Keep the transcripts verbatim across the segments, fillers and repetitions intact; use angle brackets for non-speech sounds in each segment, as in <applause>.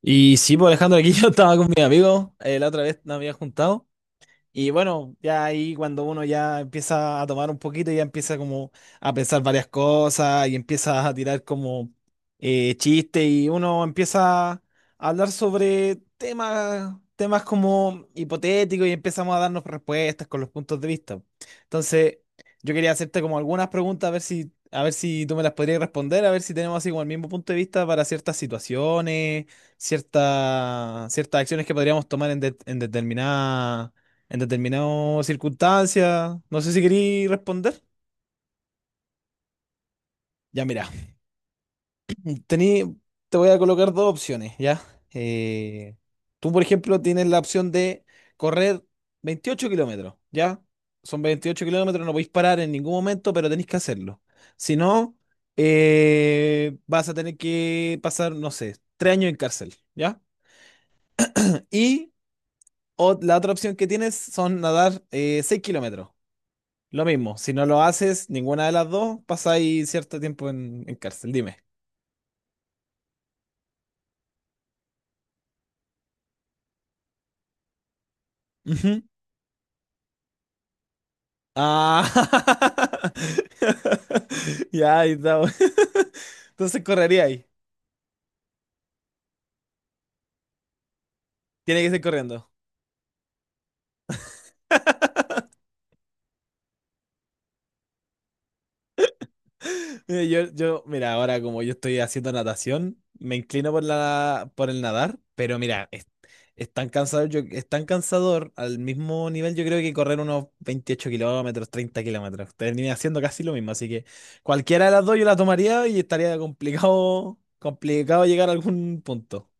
Y sí, pues Alejandro, aquí <laughs> yo estaba con mi amigo, eh, la otra vez nos había juntado, y bueno, ya ahí cuando uno ya empieza a tomar un poquito, ya empieza como a pensar varias cosas y empieza a tirar como eh, chistes, y uno empieza a hablar sobre temas, temas como hipotéticos, y empezamos a darnos respuestas con los puntos de vista. Entonces, yo quería hacerte como algunas preguntas a ver si, a ver si tú me las podrías responder, a ver si tenemos así como el mismo punto de vista para ciertas situaciones, ciertas, ciertas acciones que podríamos tomar en, de- en determinadas en determinadas circunstancias. No sé si querí responder. Ya, mira, tení, te voy a colocar dos opciones, ¿ya? Eh, Tú, por ejemplo, tienes la opción de correr 28 kilómetros, ¿ya? Son 28 kilómetros, no podéis parar en ningún momento, pero tenéis que hacerlo. Si no, eh, vas a tener que pasar, no sé, tres años en cárcel, ¿ya? Y o- la otra opción que tienes son nadar eh, 6 kilómetros. Lo mismo, si no lo haces, ninguna de las dos, pasáis cierto tiempo en, en cárcel, dime. Ujú. Ah, <laughs> ya, ahí está. <laughs> Entonces correría ahí. Tiene que ser corriendo. Mira. Yo, yo, mira, ahora como yo estoy haciendo natación, me inclino por la, por el nadar, pero mira, es, es tan cansador, yo, es tan cansador al mismo nivel, yo creo que correr unos veintiocho kilómetros, treinta kilómetros. Terminé haciendo casi lo mismo, así que cualquiera de las dos yo la tomaría y estaría complicado, complicado llegar a algún punto.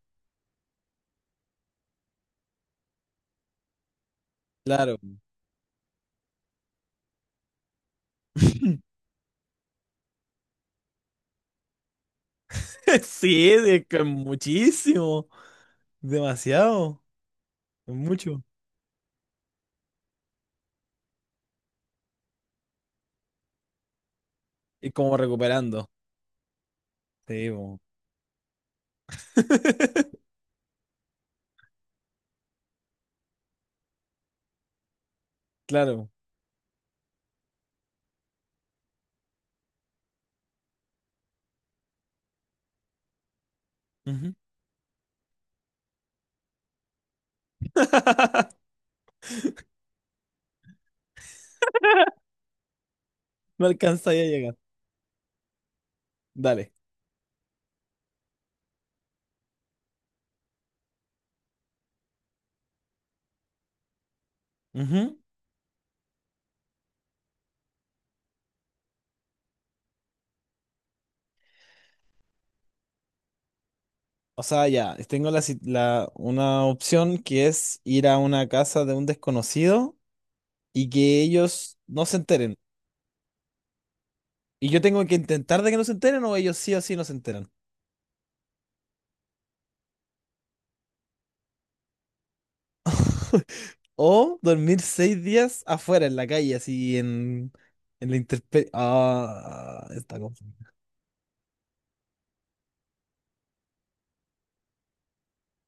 Claro. <laughs> Sí, es que es muchísimo, demasiado, es mucho. Y como recuperando. Sí, como- <laughs> claro. Ujú. <laughs> No alcanza ya a llegar. Dale. Ujú. O sea, ya, tengo la, si- la- una opción, que es ir a una casa de un desconocido y que ellos no se enteren. Y yo tengo que intentar de que no se enteren, o ellos sí o sí no se enteran. <laughs> O dormir seis días afuera en la calle, así en, en la intemperie. Ah, está confuso.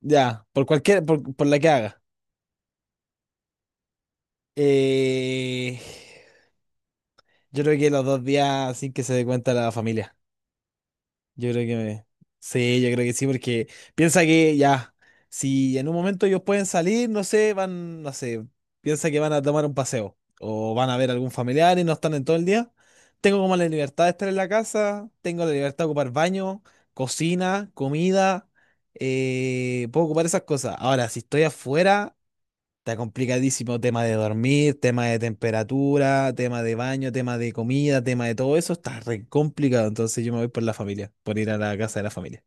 Ya, por cualquier, por, por la que haga. Eh, yo creo que los dos días sin que se dé cuenta la familia. Yo creo que me- Sí, yo creo que sí, porque piensa que ya, si en un momento ellos pueden salir, no sé, van, no sé, piensa que van a tomar un paseo o van a ver algún familiar y no están en todo el día. Tengo como la libertad de estar en la casa, tengo la libertad de ocupar baño, cocina, comida, eh, puedo ocupar esas cosas. Ahora, si estoy afuera, está complicadísimo: tema de dormir, tema de temperatura, tema de baño, tema de comida, tema de todo eso, está re complicado. Entonces yo me voy por la familia, por ir a la casa de la familia.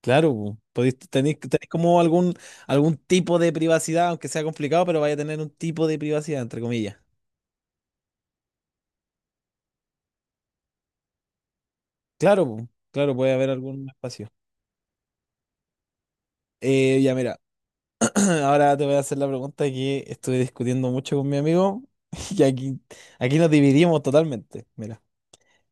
Claro, po, podéis- tenéis, tenéis como algún, algún tipo de privacidad, aunque sea complicado, pero vaya a tener un tipo de privacidad, entre comillas. Claro, po, claro, puede haber algún espacio. Eh, ya mira, <clears throat> ahora te voy a hacer la pregunta que estuve discutiendo mucho con mi amigo <laughs> y aquí, aquí nos dividimos totalmente. Mira.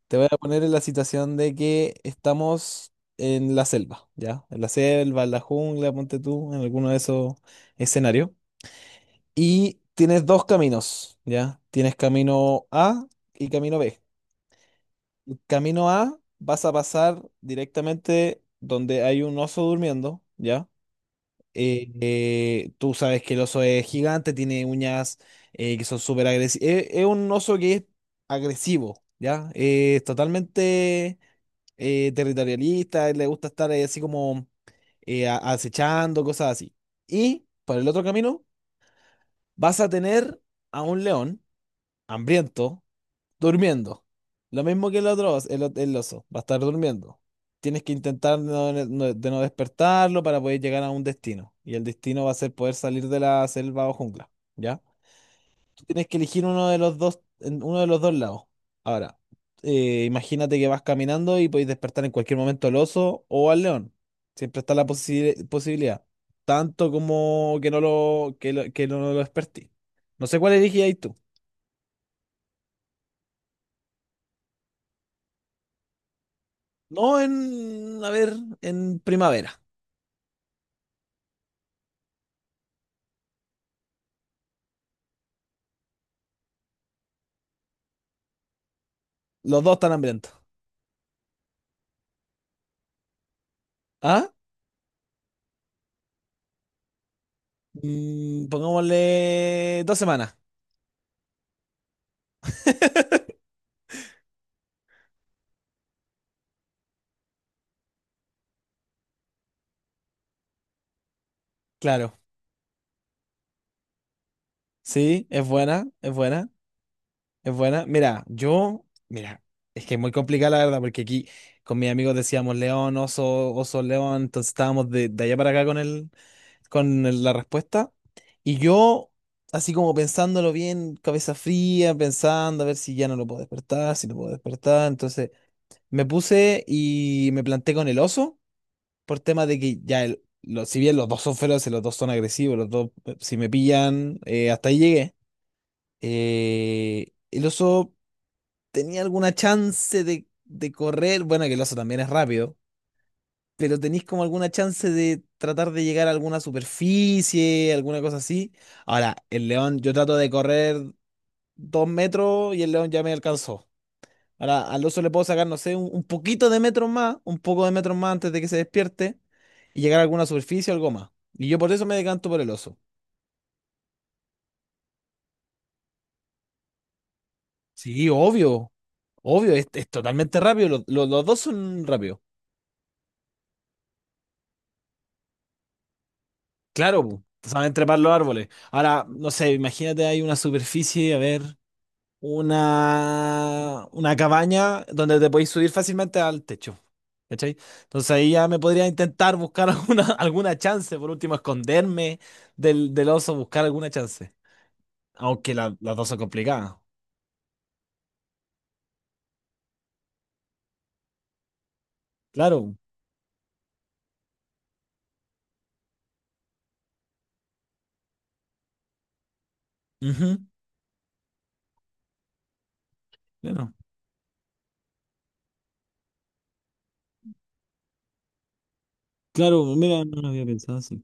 Te voy a poner en la situación de que estamos en la selva, ¿ya? En la selva, en la jungla, ponte tú, en alguno de esos escenarios. Y tienes dos caminos, ¿ya? Tienes camino A y camino B. Camino A vas a pasar directamente donde hay un oso durmiendo, ¿ya? Eh, eh, tú sabes que el oso es gigante, tiene uñas eh, que son súper agresivas. Es, un oso que es agresivo, ¿ya? Eh, Es totalmente eh, territorialista, él le gusta estar ahí así como eh, a- acechando, cosas así. Y por el otro camino vas a tener a un león hambriento durmiendo. Lo mismo que el otro, os- el, o- el oso, va a estar durmiendo. Tienes que intentar no- no- no, de no despertarlo para poder llegar a un destino. Y el destino va a ser poder salir de la selva o jungla, ¿ya? Tú tienes que elegir uno de los dos, en uno de los dos lados. Ahora, eh, imagínate que vas caminando y podéis despertar en cualquier momento al oso o al león. Siempre está la posi- posibilidad. Tanto como que no lo, que lo, que no lo despertí. No sé cuál elegí ahí tú. No en, a ver, en primavera. Los dos están hambrientos. ¿Ah? Mm, pongámosle dos semanas. <laughs> Claro. Sí, es buena, es buena, es buena. Mira, yo, mira, es que es muy complicada la verdad, porque aquí con mis amigos decíamos león, oso, oso, león, entonces estábamos de, de allá para acá con el, con el- la respuesta. Y yo, así como pensándolo bien, cabeza fría, pensando a ver si ya no lo puedo despertar, si lo puedo despertar. Entonces me puse y me planté con el oso, por tema de que ya, el- lo- si bien los dos son feroces, los dos son agresivos, los dos, eh, si me pillan, eh, hasta ahí llegué. Eh, el oso tenía alguna chance de, de correr, bueno, que el oso también es rápido, pero tenéis como alguna chance de tratar de llegar a alguna superficie, alguna cosa así. Ahora, el león, yo trato de correr dos metros y el león ya me alcanzó. Ahora, al oso le puedo sacar, no sé, un, un poquito de metros más, un poco de metros más antes de que se despierte y llegar a alguna superficie o algo más. Y yo por eso me decanto por el oso. Sí, obvio, obvio, es, es totalmente rápido, los, los- los dos son rápidos. Claro, pu, saben trepar los árboles. Ahora, no sé, imagínate hay una superficie, a ver. una, una cabaña donde te podéis subir fácilmente al techo. ¿Cachai? Entonces ahí ya me podría intentar buscar <laughs> alguna, alguna chance, por último, esconderme del, del oso, buscar alguna chance. Aunque la- las dos son complicadas. Claro. Ujú, claro. Claro, mira, no lo había pensado así.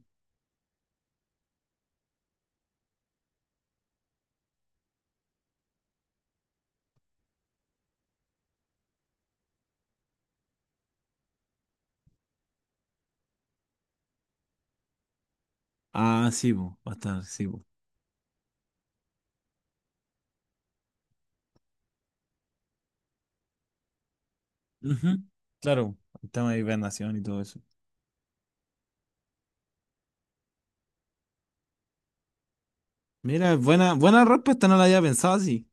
Ah, sí, po, va a estar, sí, po. Ujú, claro, el tema de hibernación y todo eso. Mira, buena, buena respuesta, no la había pensado así.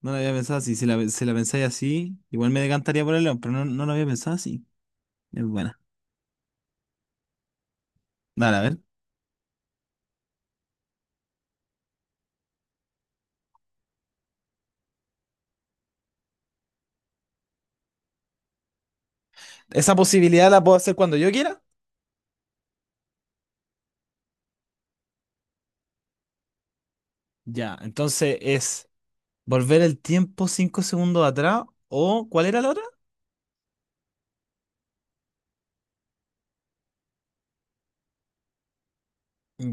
No lo había pensado así. Si la, si la pensáis así, igual me decantaría por el león, pero no, no lo había pensado así. Es buena. Dale, a ver. Esa posibilidad la puedo hacer cuando yo quiera. Ya, entonces es volver el tiempo cinco segundos atrás, o ¿cuál era la otra?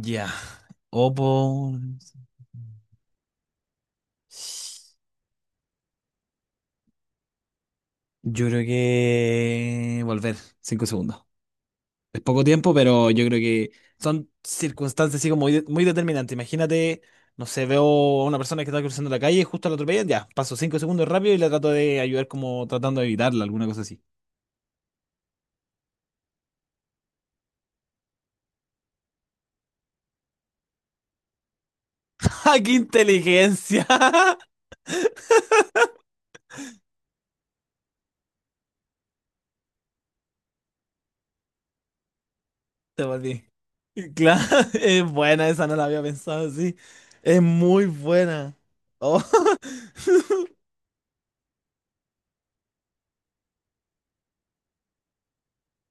Ya. O por... Yo creo que volver cinco segundos. Es poco tiempo, pero yo creo que son circunstancias así como muy, de- muy determinantes. Imagínate, no sé, veo a una persona que está cruzando la calle, justo la atropellan, ya, paso cinco segundos rápido y la trato de ayudar como tratando de evitarla, alguna cosa así. <laughs> ¡Ja! ¡Qué inteligencia! <laughs> Te volví. Claro, <laughs> es buena, esa no la había pensado así. Es muy buena. Oh. <laughs>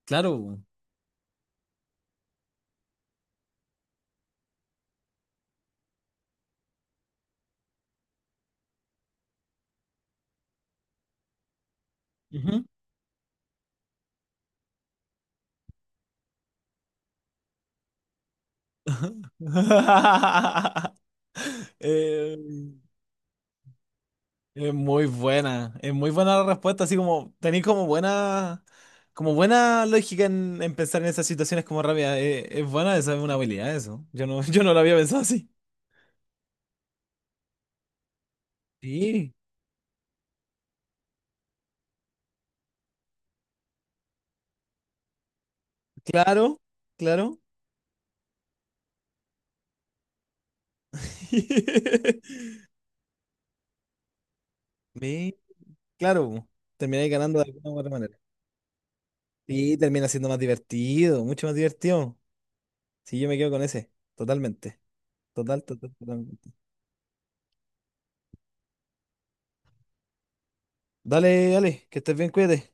Claro. Ujú. <laughs> Eh, Es muy buena, es muy buena la respuesta, así como tenéis como buena, como buena, lógica en, en pensar en esas situaciones como rápida. Es, es buena, esa es una habilidad, eso. Yo no, <laughs> yo no lo había pensado así. Sí. Claro, claro. <laughs> Sí, claro, po. Termináis ganando de alguna u otra manera. Y termina siendo más divertido, mucho más divertido. Sí, yo me quedo con ese, totalmente. Total, total, totalmente. Dale, dale, que estés bien, cuídate.